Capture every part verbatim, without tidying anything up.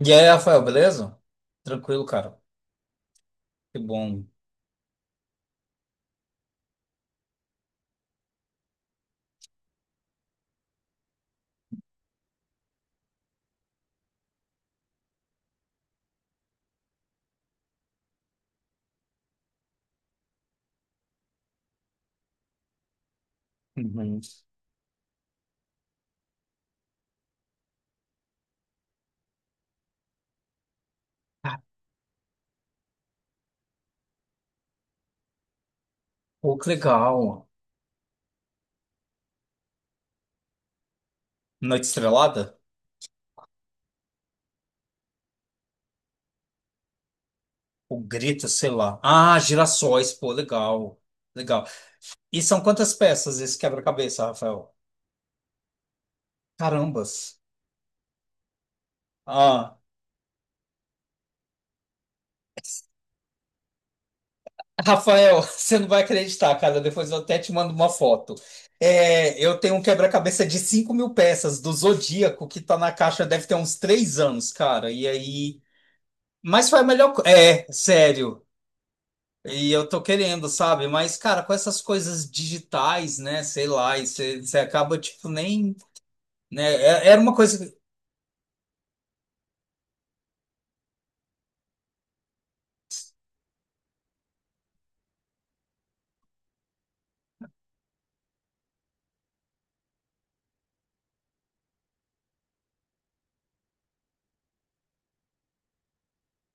E aí, Rafael, beleza? Tranquilo, cara. Que bom. Uhum. Pô, que legal. Noite Estrelada? O Grito, sei lá. Ah, Girassóis, pô, legal. Legal. E são quantas peças esse quebra-cabeça, Rafael? Carambas. Ah, Rafael, você não vai acreditar, cara. Depois eu até te mando uma foto. É, eu tenho um quebra-cabeça de cinco mil peças do Zodíaco que tá na caixa, deve ter uns três anos, cara. E aí. Mas foi a melhor. co- É, sério. E eu tô querendo, sabe? Mas, cara, com essas coisas digitais, né? Sei lá, e você você acaba, tipo, nem. Né? É- Era uma coisa. que-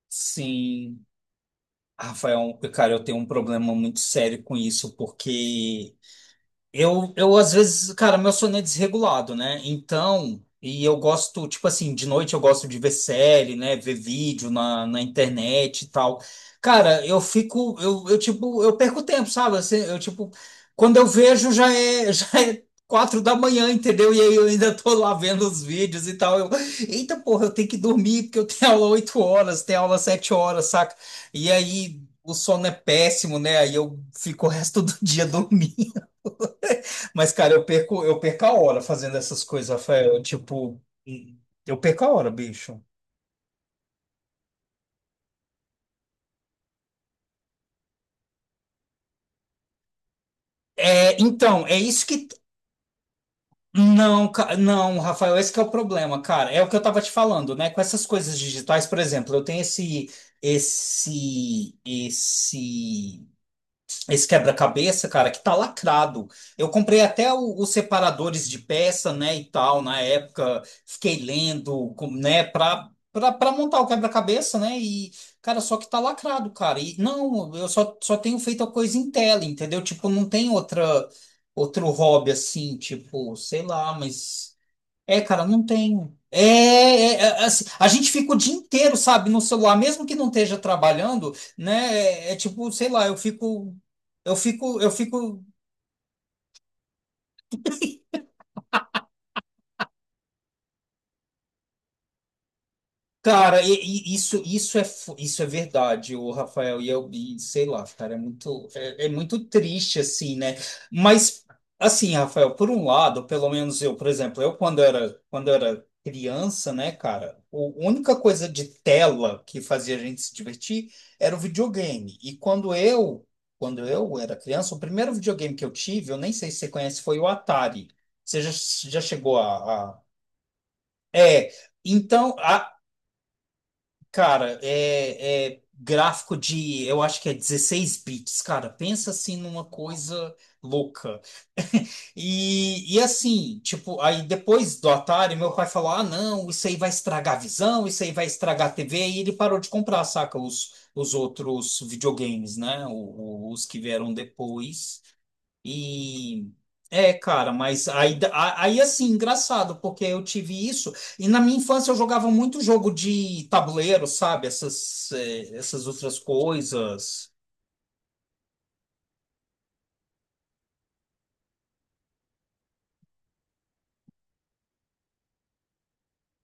Sim. Rafael, cara, eu tenho um problema muito sério com isso, porque Eu, eu, às vezes, cara, meu sono é desregulado, né? Então, e eu gosto, tipo assim, de noite eu gosto de ver série, né? Ver vídeo na, na internet e tal. Cara, eu fico, eu, eu tipo, eu perco tempo, sabe? Assim, eu, tipo, quando eu vejo já é, já é quatro da manhã, entendeu? E aí eu ainda tô lá vendo os vídeos e tal. Eu, eita, porra, eu tenho que dormir porque eu tenho aula oito horas, tenho aula sete horas, saca? E aí. O sono é péssimo, né? Aí eu fico o resto do dia dormindo. Mas, cara, eu perco, eu perco a hora fazendo essas coisas, Rafael. Tipo, eu perco a hora, bicho. É, então, é isso que. Não, ca- não, Rafael, esse que é o problema, cara. É o que eu tava te falando, né? Com essas coisas digitais, por exemplo, eu tenho esse, esse, esse esse quebra-cabeça, cara, que tá lacrado. Eu comprei até o- os separadores de peça, né, e tal, na época. Fiquei lendo, com- né, pra, pra, pra montar o quebra-cabeça, né, e, cara, só que tá lacrado, cara. E, não, eu só, só tenho feito a coisa em tela, entendeu? Tipo, não tem outra, outro hobby assim, tipo, sei lá, mas. É, cara, não tem. É, é, é, assim, a gente fica o dia inteiro, sabe, no celular, mesmo que não esteja trabalhando, né? É, é tipo, sei lá, eu fico, eu fico, eu fico. Cara, e- e isso, isso é, fu- isso é verdade, o Rafael e eu, e sei lá, cara, é muito, é, é muito triste, assim, né? Mas, assim, Rafael, por um lado, pelo menos eu, por exemplo, eu quando era, quando era criança, né, cara, o- a única coisa de tela que fazia a gente se divertir era o videogame. E quando eu, quando eu era criança, o primeiro videogame que eu tive, eu nem sei se você conhece, foi o Atari. Você já, já chegou a... a... É, então, a- cara, é, é gráfico de, eu acho que é dezesseis bits, cara. Pensa assim numa coisa louca. E, e assim, tipo, aí depois do Atari, meu pai falou: ah, não, isso aí vai estragar a visão, isso aí vai estragar a T V. E ele parou de comprar, saca? Os, os outros videogames, né? O- o- os que vieram depois. E é, cara, mas aí, a- aí assim, engraçado, porque eu tive isso. E na minha infância eu jogava muito jogo de tabuleiro, sabe? Essas, eh, essas outras coisas.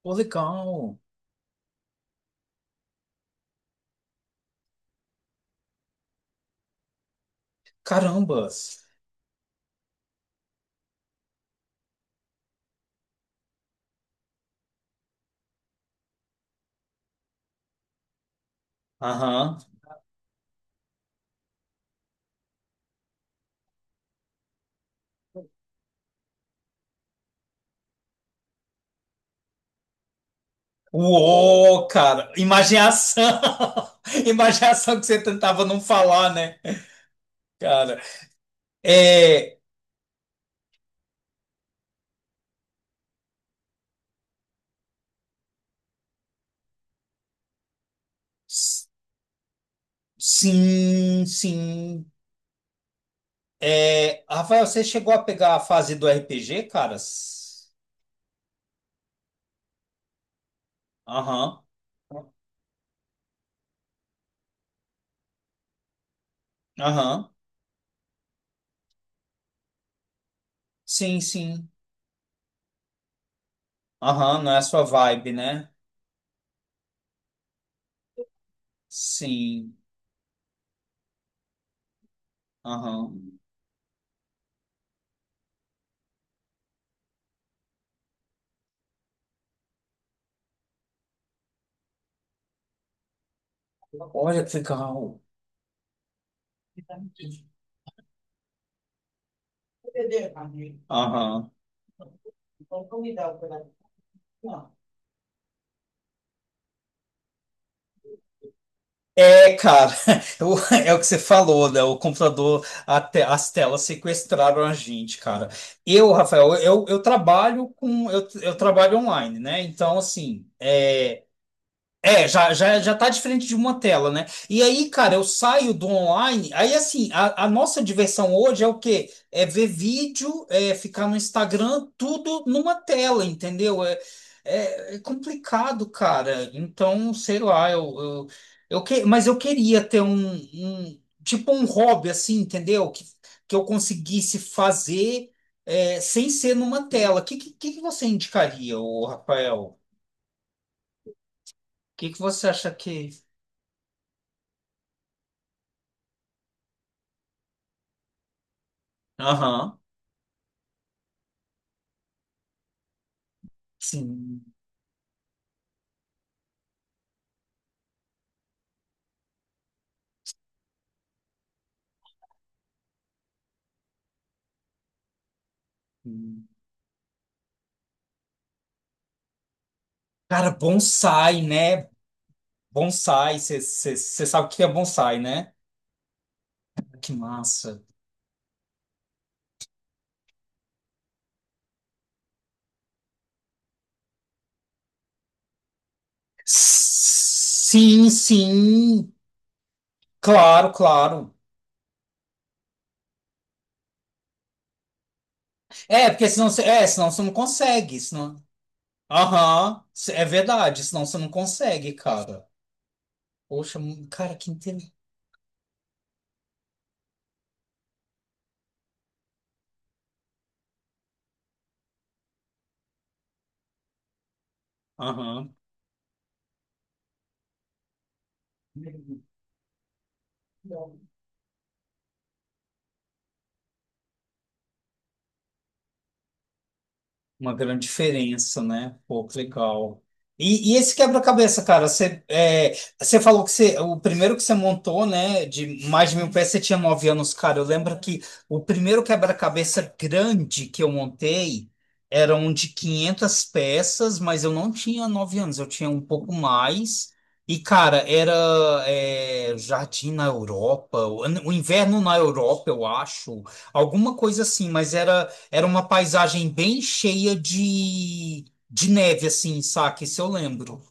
Pô, legal. Carambas. Aham. Uou, cara, imaginação! Imaginação que você tentava não falar, né, cara? É, s- sim, sim. É, Rafael, você chegou a pegar a fase do R P G, caras? Aham. Aham. Sim, sim. Aham, não é a sua vibe, né? Sim. Aham. Olha que legal. Aham. É, cara, o- é o que você falou, né? O computador, a te- as telas sequestraram a gente, cara. Eu, Rafael, eu, eu trabalho com, eu, eu trabalho online, né? Então, assim, é, é, já, já, já tá diferente de uma tela, né? E aí, cara, eu saio do online. Aí, assim, a, a nossa diversão hoje é o quê? É ver vídeo, é ficar no Instagram, tudo numa tela, entendeu? É, é, é complicado, cara. Então, sei lá, eu, eu, eu que, mas eu queria ter um, um- tipo um hobby, assim, entendeu? Que, que eu conseguisse fazer, é, sem ser numa tela. O que, que, que você indicaria, ô, Rafael? O que, que você acha que. Aham. Sim. Cara, bonsai, né? Bonsai, você sabe o que é bonsai, né? Que massa. Sim, sim. Claro, claro. É, porque senão você, é, senão você não consegue, senão... Aham, cê- é verdade, senão você não consegue, cara. Poxa, mu- cara, que interessante. Uma grande diferença, né? Pô, que legal. E, e esse quebra-cabeça, cara, você, é, você falou que você, o primeiro que você montou, né, de mais de mil peças, você tinha nove anos, cara. Eu lembro que o primeiro quebra-cabeça grande que eu montei era um de quinhentas peças, mas eu não tinha nove anos, eu tinha um pouco mais. E, cara, era é, Jardim na Europa, o o inverno na Europa, eu acho, alguma coisa assim, mas era. Era uma paisagem bem cheia de, de neve, assim, saca? Isso eu lembro.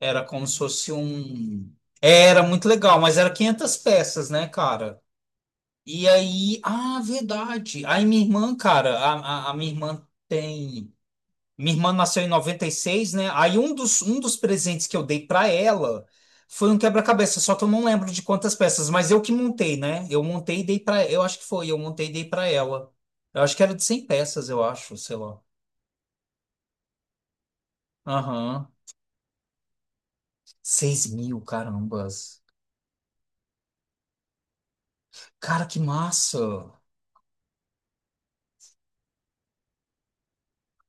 Era como se fosse um. Era muito legal, mas era quinhentas peças, né, cara? E aí. Ah, verdade. Aí minha irmã, cara, a, a, a minha irmã tem. Minha irmã nasceu em noventa e seis, né? Aí um dos, um dos presentes que eu dei para ela foi um quebra-cabeça, só que eu não lembro de quantas peças, mas eu que montei, né? Eu montei e dei para, eu acho que foi, eu montei e dei para ela. Eu acho que era de cem peças, eu acho, sei lá. Aham. Seis mil, carambas. Cara, que massa.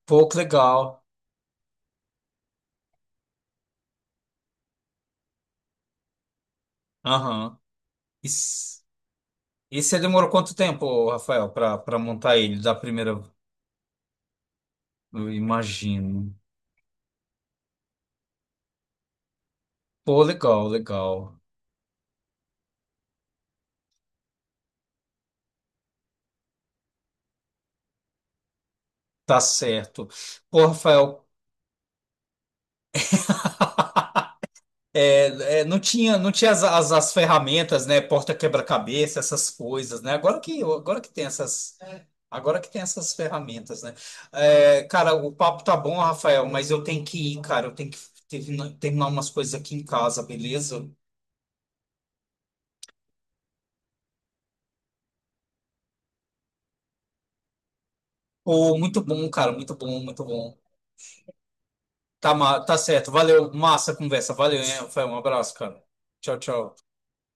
Pô, que legal. Aham. E, s- e você demorou quanto tempo, Rafael, para para montar ele da primeira, eu imagino. Pô, legal, legal. Tá certo. Pô, Rafael, é, é, não tinha, não tinha as, as, as ferramentas, né? Porta quebra-cabeça, essas coisas, né? Agora que, agora que tem essas, agora que tem essas ferramentas, né? É, cara, o papo tá bom, Rafael, mas eu tenho que ir, cara. Eu tenho que terminar, terminar umas coisas aqui em casa, beleza? Pô, muito bom, cara. Muito bom, muito bom. Tá, ma- tá certo. Valeu. Massa a conversa. Valeu, hein, Rafael? Um abraço, cara. Tchau, tchau.